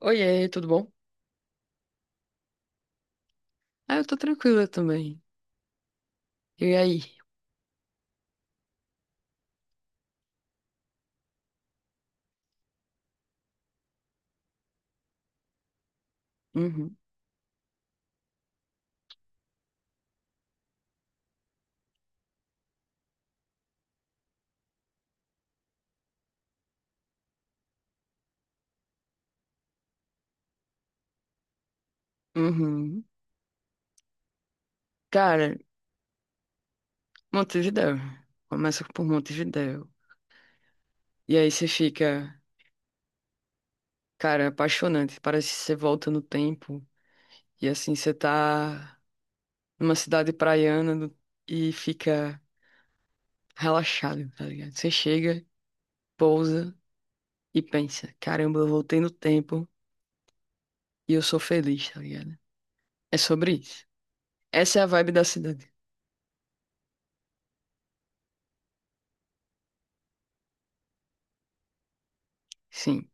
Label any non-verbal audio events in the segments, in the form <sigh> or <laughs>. Oiê, tudo bom? Ah, eu tô tranquila também. E aí? Uhum, uhum. Cara, Montevidéu. Começa por Montevidéu. E aí você fica, cara, apaixonante. Parece que você volta no tempo. E assim, você tá numa cidade praiana e fica relaxado, tá ligado? Você chega, pousa e pensa, caramba, eu voltei no tempo e eu sou feliz, tá ligado? É sobre isso. Essa é a vibe da cidade. Sim,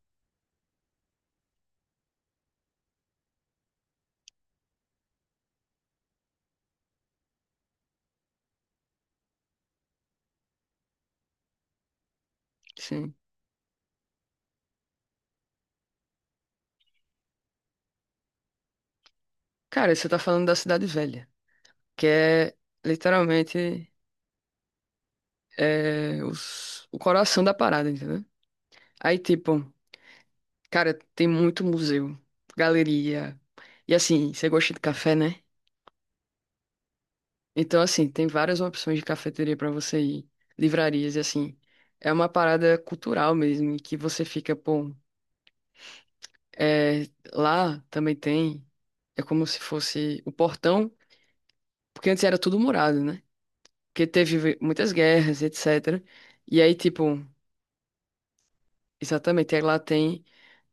sim. Cara, você tá falando da cidade velha, que é literalmente o coração da parada, entendeu? Aí, tipo, cara, tem muito museu, galeria. E assim, você gosta de café, né? Então, assim, tem várias opções de cafeteria pra você ir, livrarias, e assim, é uma parada cultural mesmo, em que você fica, pô, é, lá também tem, é como se fosse o portão, porque antes era tudo murado, né? Porque teve muitas guerras, etc. E aí, tipo, exatamente, aí lá tem,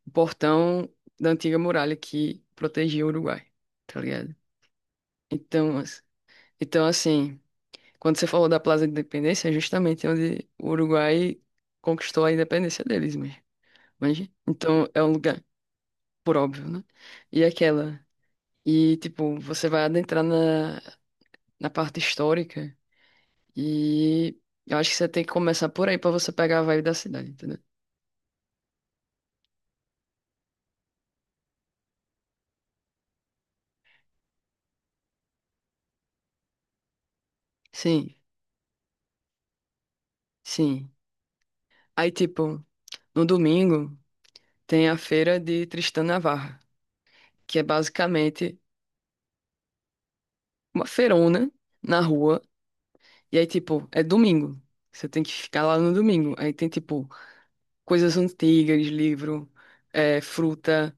o portão da antiga muralha que protegia o Uruguai, tá ligado? Então, então assim, quando você falou da Plaza de Independência, é justamente onde o Uruguai conquistou a independência deles mesmo, manja? Então, é um lugar, por óbvio, né? E aquela, e tipo, você vai adentrar na parte histórica e eu acho que você tem que começar por aí pra você pegar a vibe da cidade, entendeu? Sim, sim. Aí, tipo, no domingo tem a feira de Tristão Navarra, que é basicamente uma feirona na rua. E aí, tipo, é domingo. Você tem que ficar lá no domingo. Aí tem, tipo, coisas antigas, livro, fruta.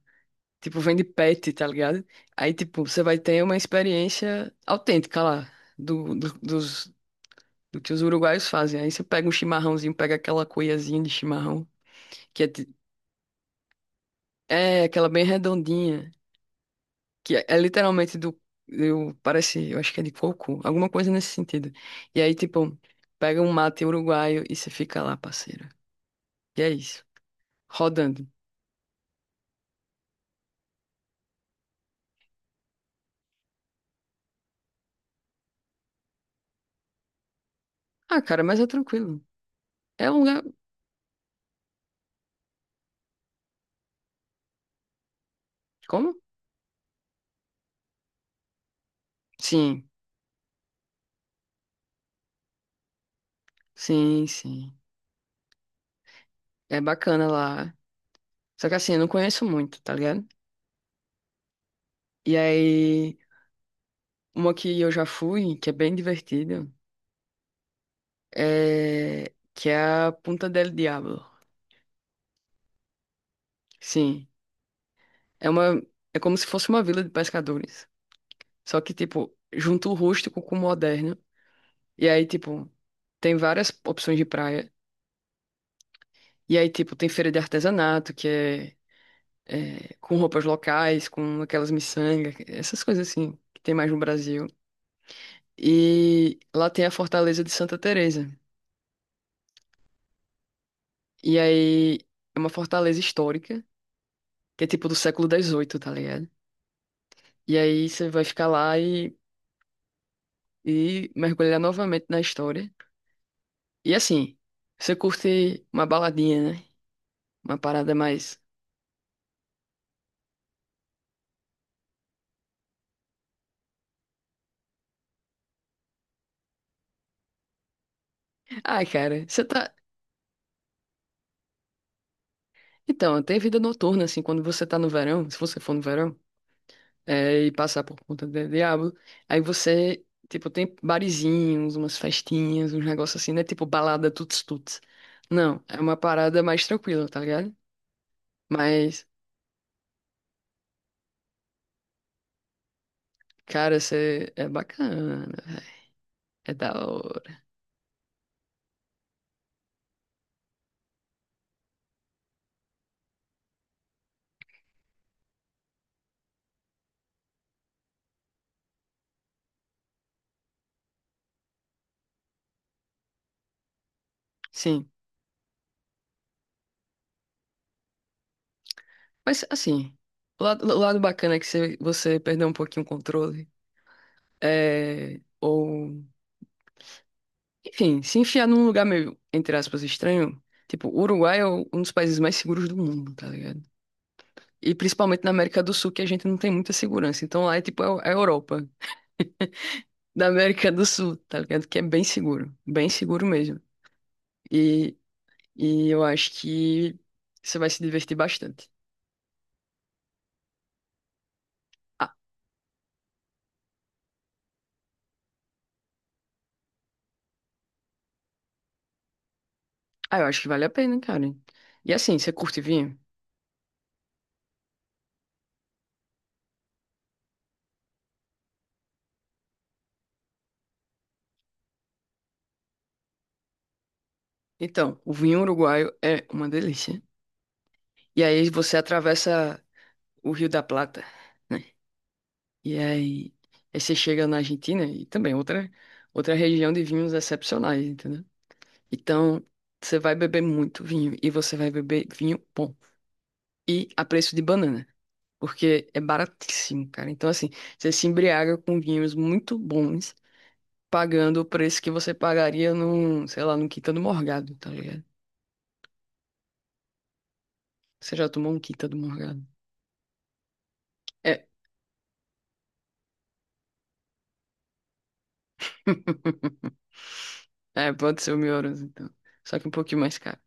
Tipo, vende pet, tá ligado? Aí, tipo, você vai ter uma experiência autêntica lá, do que os uruguaios fazem. Aí você pega um chimarrãozinho, pega aquela cuiazinha de chimarrão, que é, ti- é aquela bem redondinha, que é literalmente do, eu acho que é de coco, alguma coisa nesse sentido. E aí, tipo, pega um mate uruguaio e você fica lá, parceiro. E é isso, rodando. Ah, cara, mas é tranquilo. É um lugar, como? Sim, sim, sim. É bacana lá. Só que assim, eu não conheço muito, tá ligado? E aí, uma que eu já fui, que é bem divertida, é que é a Punta del Diablo. Sim, é uma, é como se fosse uma vila de pescadores. Só que, tipo, junta o rústico com o moderno. E aí, tipo, tem várias opções de praia. E aí, tipo, tem feira de artesanato, que é com roupas locais, com aquelas miçangas, essas coisas assim, que tem mais no Brasil. E lá tem a Fortaleza de Santa Teresa. E aí, é uma fortaleza histórica, que é tipo do século XVIII, tá ligado? E aí você vai ficar lá e mergulhar novamente na história. E assim, você curte uma baladinha, né? Uma parada mais. Ai, cara, você tá. Então, tem vida noturna, assim, quando você tá no verão, se você for no verão, e passar por Ponta do diabo, aí você, tipo, tem barizinhos, umas festinhas, uns negócios assim, né, tipo balada tuts-tuts. Não, é uma parada mais tranquila, tá ligado? Mas, cara, você é bacana, véi, é da hora. Sim, mas assim, o lado bacana é que você perdeu um pouquinho o controle, é. Ou enfim, se enfiar num lugar meio, entre aspas, estranho, tipo, o Uruguai é um dos países mais seguros do mundo, tá ligado? E principalmente na América do Sul, que a gente não tem muita segurança. Então lá é tipo a Europa da América do Sul, tá ligado? Que é bem seguro mesmo. E, e eu acho que você vai se divertir bastante. Ah, ah, eu acho que vale a pena, cara. E assim, você curte vinho? Então, o vinho uruguaio é uma delícia. E aí você atravessa o Rio da Plata, né? E aí, você chega na Argentina e também outra região de vinhos excepcionais, entendeu? Então, você vai beber muito vinho e você vai beber vinho bom. E a preço de banana, porque é baratíssimo, cara. Então, assim, você se embriaga com vinhos muito bons, pagando o preço que você pagaria num, sei lá, num Quinta do Morgado, tá ligado? Você já tomou um Quinta do Morgado? É. <laughs> É, pode ser o Mioros, então. Só que um pouquinho mais caro.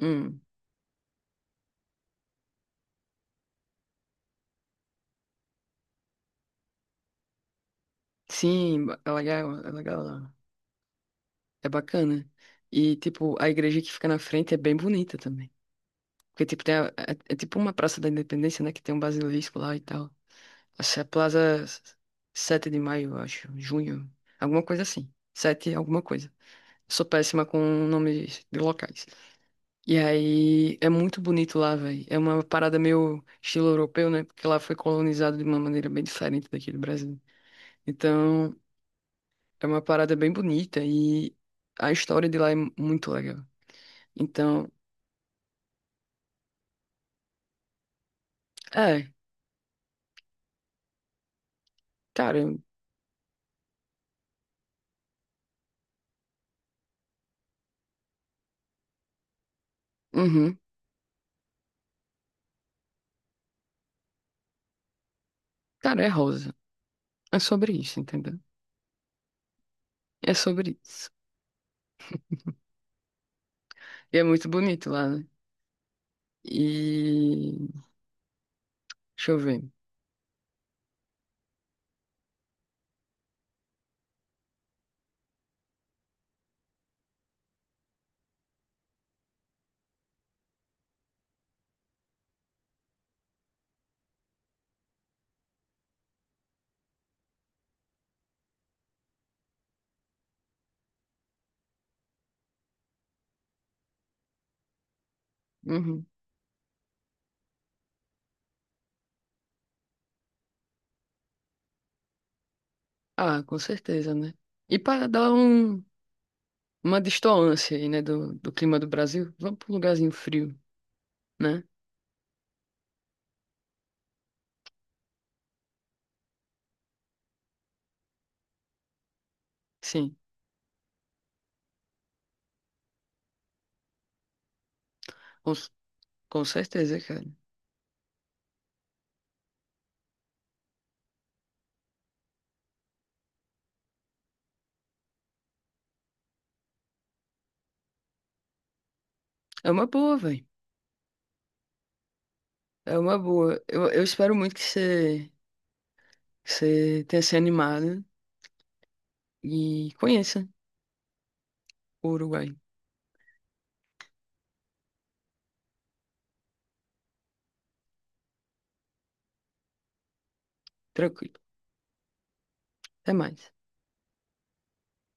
Hum. Sim, é legal, é legal. É bacana. E, tipo, a igreja que fica na frente é bem bonita também. Porque, tipo, é tipo uma Praça da Independência, né? Que tem um basilisco lá e tal. Essa é a Plaza 7 de maio, eu acho. Junho. Alguma coisa assim. Sete alguma coisa. Sou péssima com nomes de locais. E aí, é muito bonito lá, velho. É uma parada meio estilo europeu, né? Porque lá foi colonizado de uma maneira bem diferente daqui do Brasil. Então. É uma parada bem bonita e a história de lá é muito legal. Então, é, cara, uhum, cara, é rosa. É sobre isso, entendeu? É sobre isso. E é muito bonito lá, né? E deixa eu ver. Uhum. Ah, com certeza, né? E para dar um, uma distoância aí, né, do, clima do Brasil, vamos para um lugarzinho frio, né? Sim, com, com certeza, cara. É uma boa, velho. É uma boa. Eu espero muito que você tenha se animado e conheça o Uruguai. Tranquilo. Até mais.